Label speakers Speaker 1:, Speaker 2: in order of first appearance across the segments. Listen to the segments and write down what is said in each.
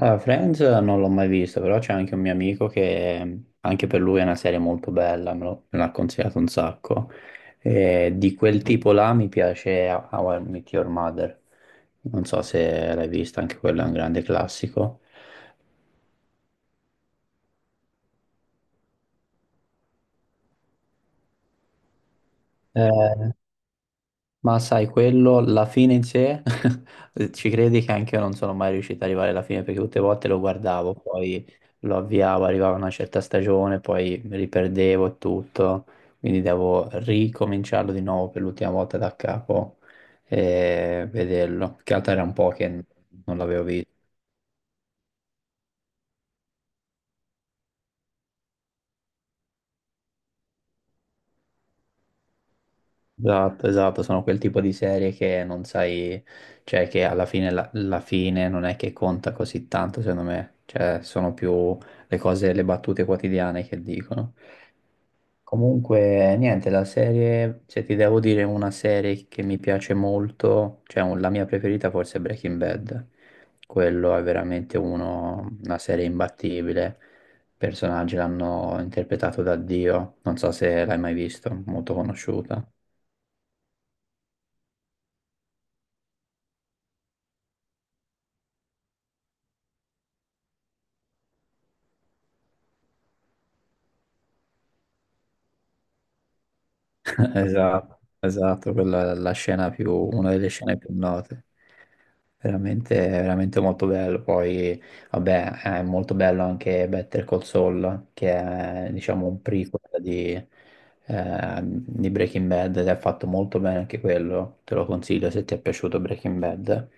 Speaker 1: Allora, Friends non l'ho mai visto, però c'è anche un mio amico che anche per lui è una serie molto bella, me l'ha consigliato un sacco. E di quel tipo là mi piace How I Met Your Mother. Non so se l'hai vista, anche quello è un grande classico. Eh, Ma sai, quello, la fine in sé, ci credi che anche io non sono mai riuscito ad arrivare alla fine perché tutte le volte lo guardavo, poi lo avviavo, arrivava una certa stagione, poi mi riperdevo e tutto, quindi devo ricominciarlo di nuovo per l'ultima volta da capo e vederlo. Che altro era un po' che non l'avevo visto. Esatto, esatto, sono quel tipo di serie che non sai, cioè che alla fine, la fine non è che conta così tanto, secondo me, cioè sono più le cose, le battute quotidiane che dicono. Comunque, niente, la serie, se ti devo dire una serie che mi piace molto, la mia preferita forse è Breaking Bad, quello è veramente uno, una serie imbattibile, i personaggi l'hanno interpretato da Dio, non so se l'hai mai visto, molto conosciuta. Esatto, esatto, quella è la scena più, una delle scene più note. Veramente, veramente molto bello. Poi, vabbè, è molto bello anche Better Call Saul, che è, diciamo, un prequel di Breaking Bad ed è fatto molto bene anche quello. Te lo consiglio se ti è piaciuto Breaking Bad.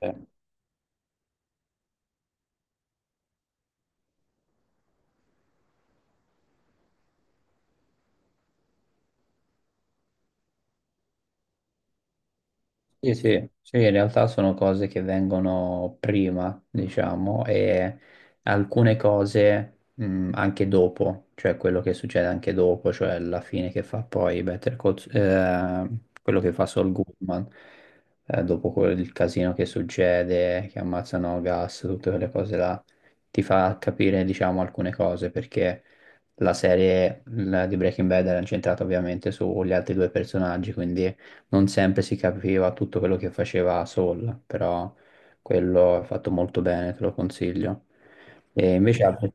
Speaker 1: Eh. Sì, sì, sì, in realtà sono cose che vengono prima, diciamo, e alcune cose anche dopo, cioè quello che succede anche dopo, cioè la fine che fa poi Better Call, quello che fa Saul Goodman, dopo quel il casino che succede, che ammazzano Gas, tutte quelle cose là, ti fa capire, diciamo, alcune cose, perché la serie la di Breaking Bad era incentrata ovviamente sugli altri due personaggi, quindi non sempre si capiva tutto quello che faceva Saul, però quello è fatto molto bene, te lo consiglio. E invece altre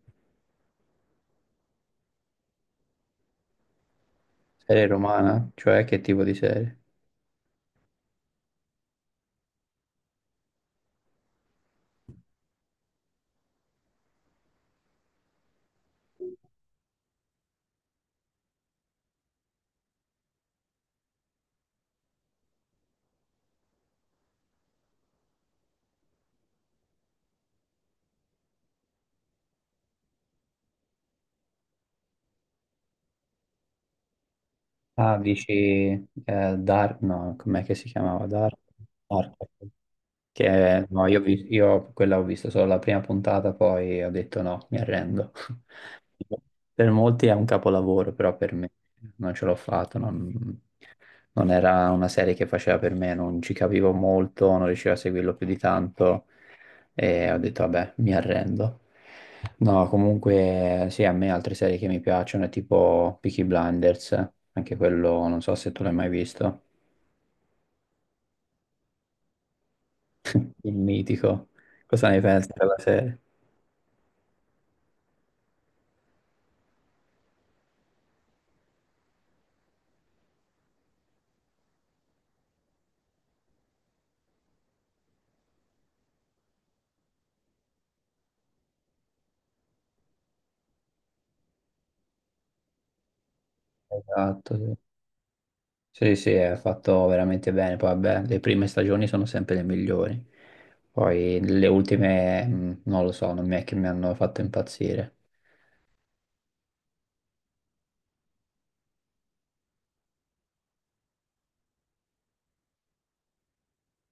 Speaker 1: serie romana, cioè che tipo di serie? Ah, dici Dark, no, com'è che si chiamava? Dark? Dark. Che no, io quella ho visto solo la prima puntata, poi ho detto no, mi arrendo. Per molti è un capolavoro, però per me non ce l'ho fatto. Non, non era una serie che faceva per me, non ci capivo molto, non riuscivo a seguirlo più di tanto e ho detto vabbè, mi arrendo. No, comunque sì, a me altre serie che mi piacciono è tipo Peaky Blinders, anche quello non so se tu l'hai mai visto, il mitico. Cosa ne pensi della serie? Esatto, sì. Sì, sì, è fatto veramente bene. Poi, vabbè, le prime stagioni sono sempre le migliori. Poi le ultime, non lo so, non mi è che mi hanno fatto impazzire.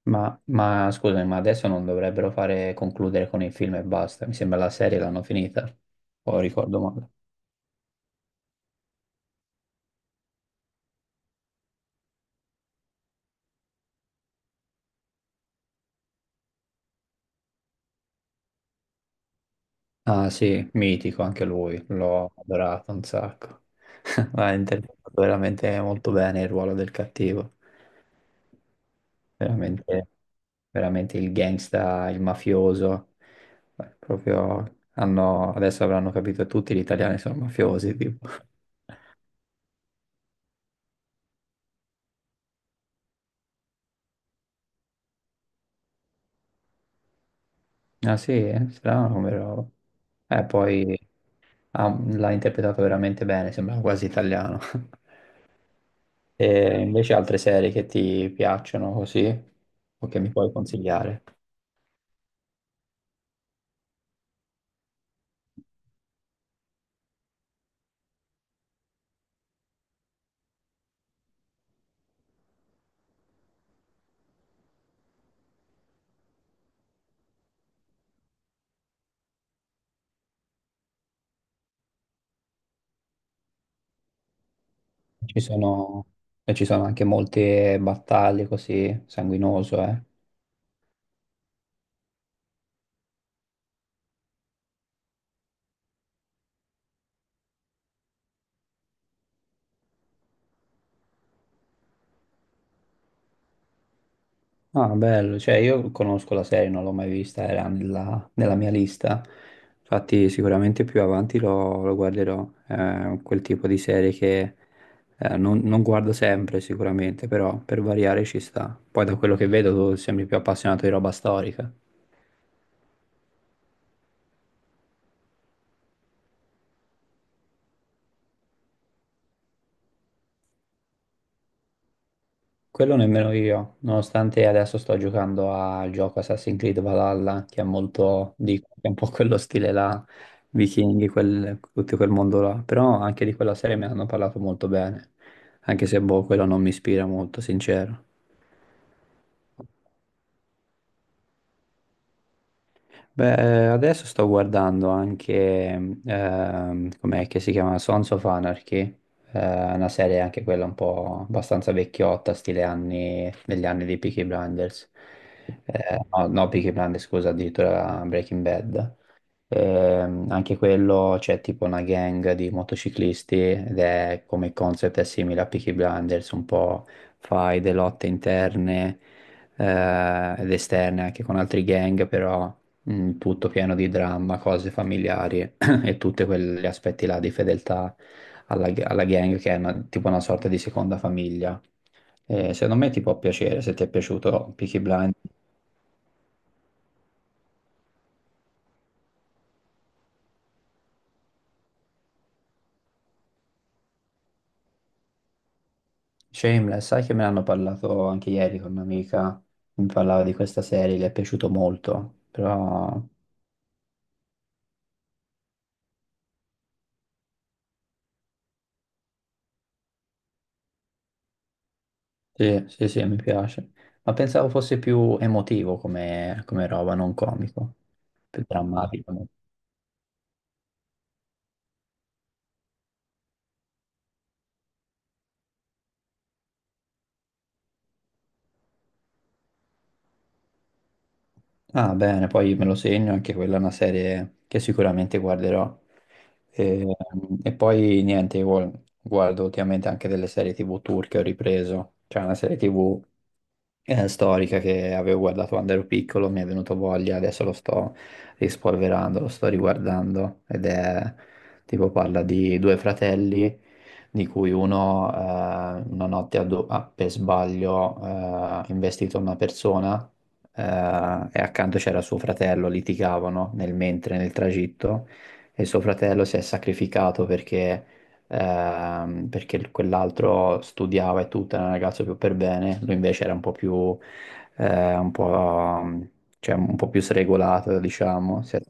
Speaker 1: Ma scusami, ma adesso non dovrebbero fare concludere con il film e basta. Mi sembra la serie l'hanno finita, o ricordo male. Ah sì, mitico anche lui, l'ho adorato un sacco. Ha interpretato veramente molto bene il ruolo del cattivo, veramente, veramente il gangsta, il mafioso. Beh, proprio hanno, adesso avranno capito tutti gli italiani sono mafiosi, tipo. Ah sì, eh? Strano come roba. Poi l'ha interpretato veramente bene, sembrava quasi italiano. E invece altre serie che ti piacciono così o che mi puoi consigliare? Ci sono, e ci sono anche molte battaglie così, sanguinoso, eh. Ah, bello, cioè io conosco la serie, non l'ho mai vista, era nella mia lista, infatti sicuramente più avanti lo guarderò, quel tipo di serie che non guardo sempre sicuramente, però per variare ci sta. Poi da quello che vedo tu sembri più appassionato di roba storica. Quello nemmeno io, nonostante adesso sto giocando al gioco Assassin's Creed Valhalla, che è molto, dico, che è un po' quello stile là, vichinghi, tutto quel mondo là, però anche di quella serie mi hanno parlato molto bene, anche se boh, quello non mi ispira molto, sincero. Beh, adesso sto guardando anche, com'è che si chiama? Sons of Anarchy, una serie anche quella un po' abbastanza vecchiotta, stile anni, negli anni di Peaky Blinders. No, no, Peaky Blinders, scusa, addirittura Breaking Bad. Anche quello c'è tipo una gang di motociclisti ed è come concept è simile a Peaky Blinders, un po' fai delle lotte interne ed esterne anche con altri gang, però tutto pieno di dramma, cose familiari e tutti quegli aspetti là di fedeltà alla gang che è tipo una sorta di seconda famiglia. Secondo me ti può piacere, se ti è piaciuto Peaky Blinders. Shameless, sai che me l'hanno parlato anche ieri con un'amica, mi parlava di questa serie, le è piaciuto molto, però sì, sì, sì, mi piace. Ma pensavo fosse più emotivo come roba, non comico, più drammatico. Ah, bene, poi me lo segno, anche quella è una serie che sicuramente guarderò. E, e poi niente, io guardo ultimamente anche delle serie TV turche, ho ripreso, c'è una serie TV storica che avevo guardato quando ero piccolo, mi è venuto voglia, adesso lo sto rispolverando, lo sto riguardando ed è tipo parla di due fratelli di cui uno una notte ha per sbaglio investito una persona e accanto c'era suo fratello, litigavano nel mentre, nel tragitto e suo fratello si è sacrificato perché perché quell'altro studiava e tutto, era un ragazzo più per bene, lui invece era un po' più, un po', cioè, un po' più sregolato, diciamo,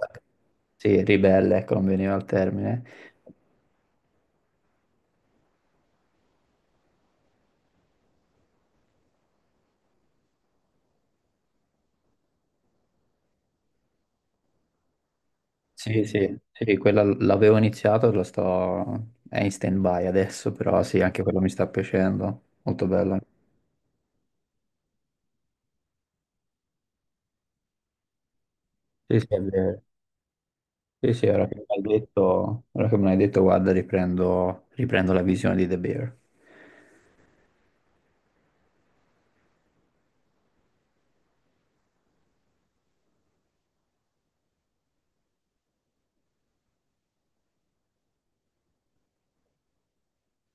Speaker 1: sì, ribelle, ecco, non veniva il termine. Sì, sì, sì, quella l'avevo iniziato, lo sto, è in stand-by adesso, però sì, anche quello mi sta piacendo, molto bello. Sì, sì, è vero. Sì, sì, ora che me l'hai detto, ora che me l'hai detto, guarda, riprendo, riprendo la visione di The Bear.